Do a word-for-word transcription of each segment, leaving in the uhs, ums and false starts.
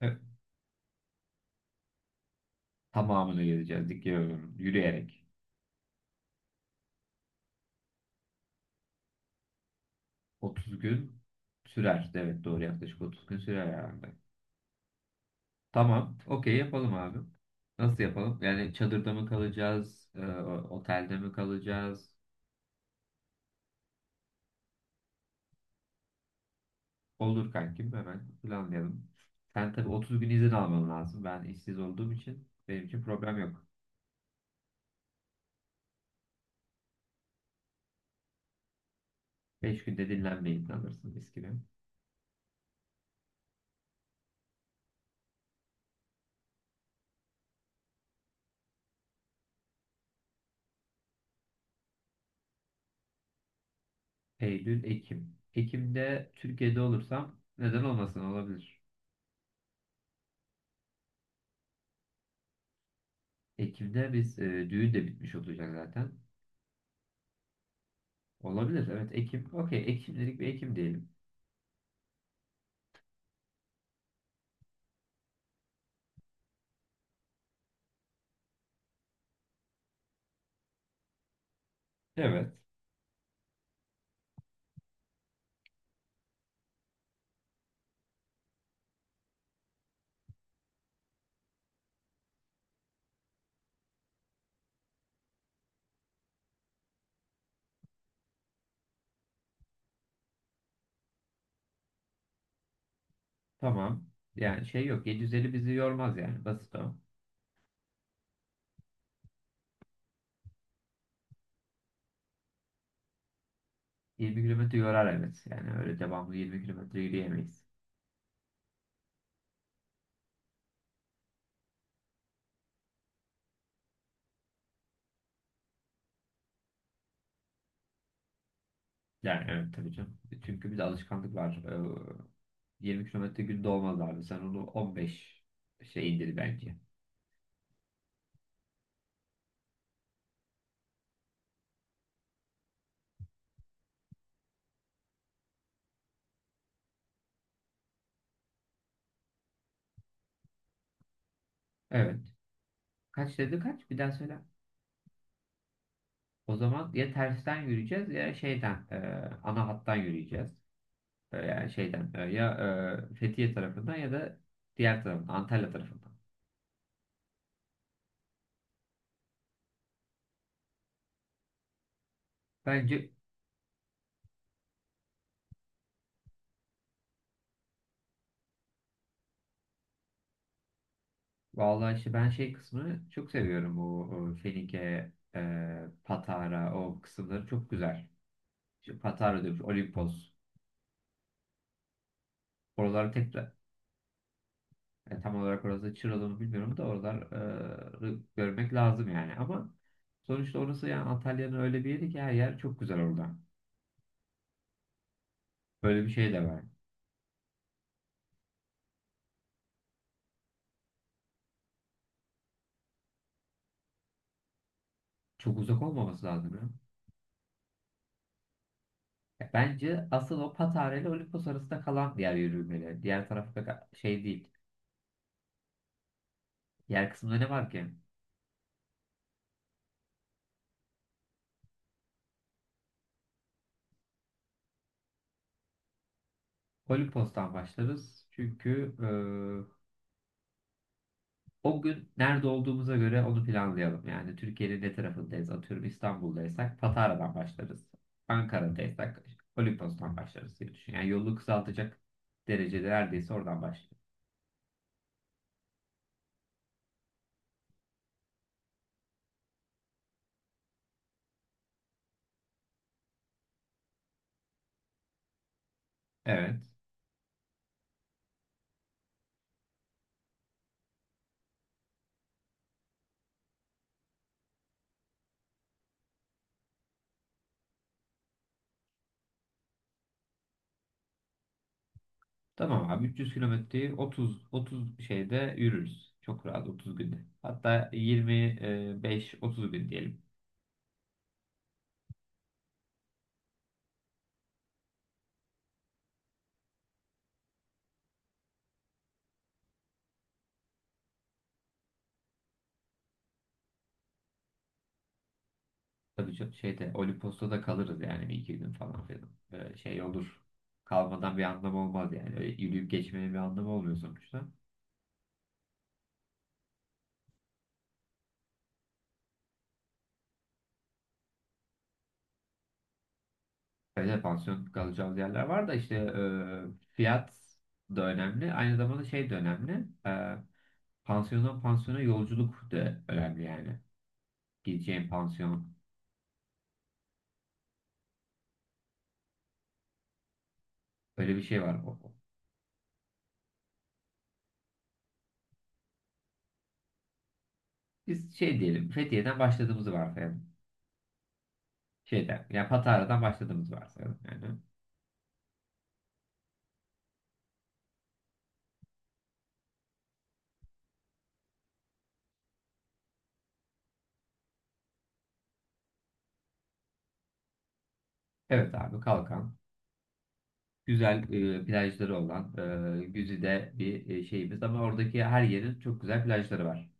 Evet, tamamını gezeceğiz. Dikiyorum. Yürüyerek. otuz gün sürer. Evet, doğru, yaklaşık otuz gün sürer herhalde. Tamam. Okey, yapalım abi. Nasıl yapalım? Yani çadırda mı kalacağız, e, otelde mi kalacağız? Olur kankim, hemen planlayalım. Sen tabii otuz gün izin alman lazım. Ben işsiz olduğum için benim için problem yok. beş günde dinlenmeyi planlarsın mis gibi. Eylül, Ekim. Ekim'de Türkiye'de olursam neden olmasın, olabilir. Ekim'de biz e, düğün de bitmiş olacak zaten. Olabilir, evet Ekim. Okey, Ekim'lik bir Ekim diyelim. Evet. Tamam. Yani şey yok, yedi yüz elli bizi yormaz yani, basit o. yirmi kilometre yorar evet. Yani öyle devamlı yirmi kilometre yürüyemeyiz. Yani evet tabii canım. Çünkü bir de alışkanlık var. Ee, yirmi kilometre günde olmaz abi. Sen onu on beş şey indir bence. Evet. Kaç dedi, kaç? Bir daha söyle. O zaman ya tersten yürüyeceğiz ya şeyden e, ana hattan yürüyeceğiz. E, yani şeyden e, ya e, Fethiye tarafından ya da diğer tarafından, Antalya tarafından. Bence vallahi işte ben şey kısmını çok seviyorum. O, o Fenike, e, Patara, o kısımları çok güzel. İşte Patara diyormuş, Olimpos. Oralar tekrar e, tam olarak orası Çıralı mı bilmiyorum da oraları görmek lazım yani. Ama sonuçta orası, yani Antalya'nın öyle bir yeri ki, her yer çok güzel orada. Böyle bir şey de var. Çok uzak olmaması lazım ya. Ya bence asıl o Patara ile Olimpos arasında kalan diğer yürümeleri. Diğer tarafta ka- şey değil. Diğer kısımda ne var ki? Olimpos'tan başlarız. Çünkü e, o gün nerede olduğumuza göre onu planlayalım. Yani Türkiye'nin ne tarafındayız? Atıyorum, İstanbul'daysak Patara'dan başlarız. Ankara'daysak Olimpos'tan başlarız diye düşün. Yani yolu kısaltacak derecede, neredeyse oradan başlayalım. Evet. Tamam abi, üç yüz kilometreyi otuz otuz şeyde yürürüz. Çok rahat otuz günde. Hatta yirmi beş otuz gün diyelim. Tabii, çok şeyde, Olimpos'ta da kalırız yani, bir iki gün falan filan. Böyle şey olur. Kalmadan bir anlam olmaz yani. Öyle yürüyüp geçmenin bir anlamı olmuyor sonuçta. Öyle pansiyon kalacağımız yerler var da, işte e, fiyat da önemli. Aynı zamanda şey de önemli. E, pansiyondan pansiyona yolculuk da önemli yani. Gideceğin pansiyon. Öyle bir şey var. Biz şey diyelim, Fethiye'den başladığımızı varsayalım. Şeyden, yani Patara'dan başladığımızı varsayalım yani. Evet abi, Kalkan. Güzel e, plajları olan e, güzide bir e, şeyimiz ama oradaki her yerin çok güzel plajları var.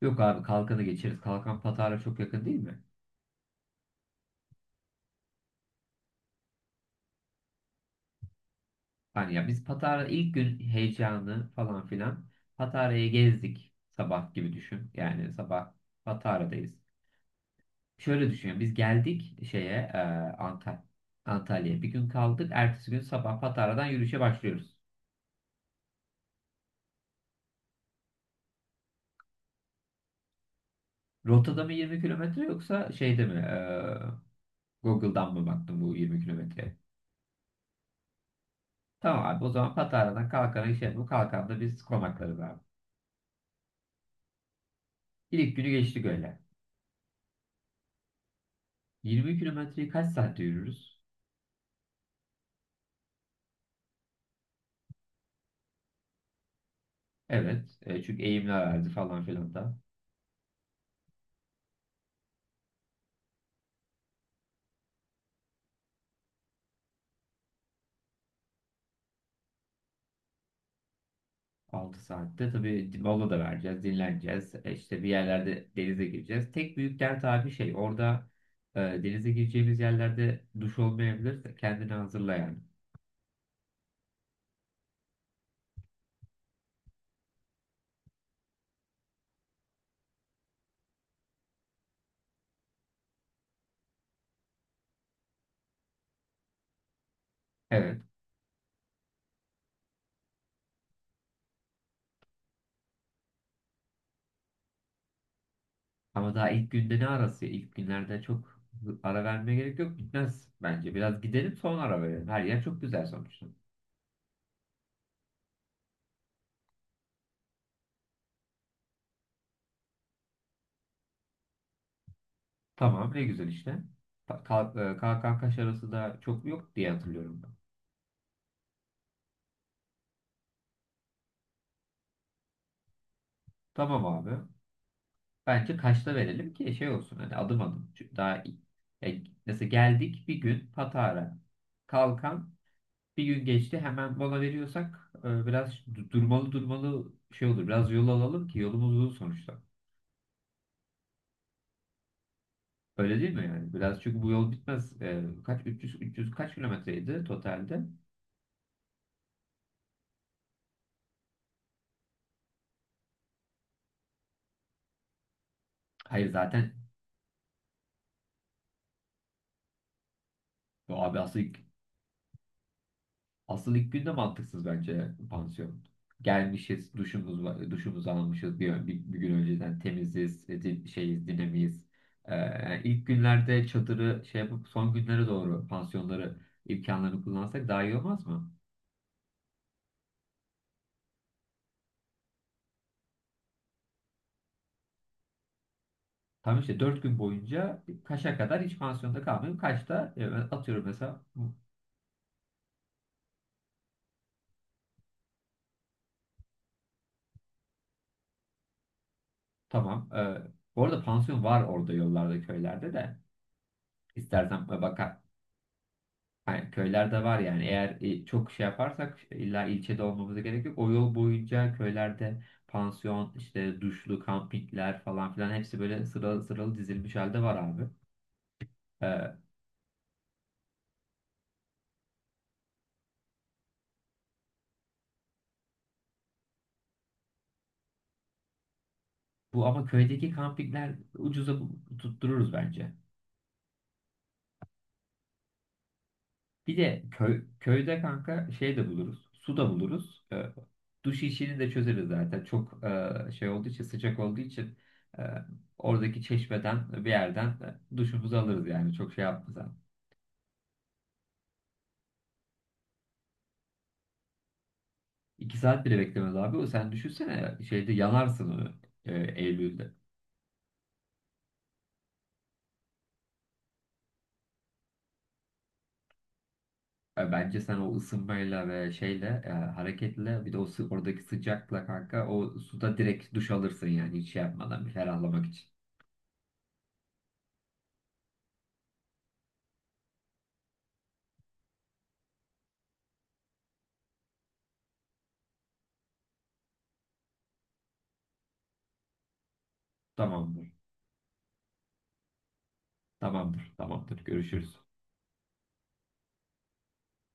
Yok abi, Kalkan'ı geçeriz. Kalkan Patara çok yakın değil mi? Hani ya biz Patara ilk gün heyecanı falan filan, Patara'yı gezdik sabah gibi düşün. Yani sabah Patara'dayız. Şöyle düşünüyorum. Biz geldik şeye e, Antalya. Antalya'ya bir gün kaldık. Ertesi gün sabah Patara'dan yürüyüşe başlıyoruz. Rotada mı yirmi kilometre yoksa şeyde mi? e, Google'dan mı baktım bu yirmiye kilometreye? Tamam abi, o zaman Patara'dan kalkana şey bu. Kalkanda biz konaklarız abi. İlk günü geçtik öyle. yirmi kilometreyi kaç saatte yürürüz? Evet. E, çünkü eğimli arazi falan filan da. Altı saatte tabii, mola da vereceğiz, dinleneceğiz. E, İşte bir yerlerde denize gireceğiz. Tek büyük dert abi, şey orada e, denize gireceğimiz yerlerde duş olmayabilir. Kendini hazırla yani. Evet. Ama daha ilk günde ne arası? İlk günlerde çok ara vermeye gerek yok. Bitmez bence. Biraz gidelim sonra ara verelim. Her yer çok güzel sonuçta. Tamam, ne güzel işte. Kalk, kalk, arası da çok yok diye hatırlıyorum ben. Tamam abi. Bence kaçta verelim ki şey olsun, hani adım adım. Çünkü daha iyi. Yani mesela geldik bir gün Patara. Kalkan bir gün geçti hemen mola veriyorsak e, biraz du- durmalı durmalı şey olur. Biraz yol alalım ki, yolumuz uzun sonuçta. Öyle değil mi yani? Biraz, çünkü bu yol bitmez. E, kaç üç yüz üç yüz kaç kilometreydi totalde? Hayır zaten o abi asıl. Asıl ilk günde mantıksız bence pansiyon. Gelmişiz, duşumuz var, duşumuzu almışız, bir, bir, bir gün önceden temiziz, e, di- şeyiz, dinamiyiz. Ee, ilk günlerde çadırı şey yapıp son günlere doğru pansiyonları imkanlarını kullansak daha iyi olmaz mı? Tam işte dört gün boyunca kaça kadar hiç pansiyonda kalmayayım. Kaçta e, atıyorum mesela bu- tamam. E, bu arada pansiyon var orada yollarda, köylerde de. İstersen bak. Yani köylerde var yani, eğer e, çok şey yaparsak illa ilçede olmamıza gerek yok. O yol boyunca köylerde pansiyon, işte duşlu, kampikler falan filan hepsi böyle sıralı sıralı dizilmiş halde var abi. Ee, bu ama köydeki kampikler ucuza bu- tuttururuz bence. Bir de köy, köyde kanka şey de buluruz. Su da buluruz. Ee, duş işini de çözeriz zaten. Çok e, şey olduğu için, sıcak olduğu için e, oradaki çeşmeden bir yerden e, duşumuzu alırız yani. Çok şey yapmaz. iki saat bile beklemez abi. O, sen düşünsene, şeyde yanarsın onu e, Eylül'de. E, bence sen o ısınmayla ve şeyle e, hareketle bir de o sı- oradaki sıcakla kanka o suda direkt duş alırsın yani, hiç şey yapmadan, bir ferahlamak için. Tamamdır. Tamamdır. Tamamdır. Görüşürüz.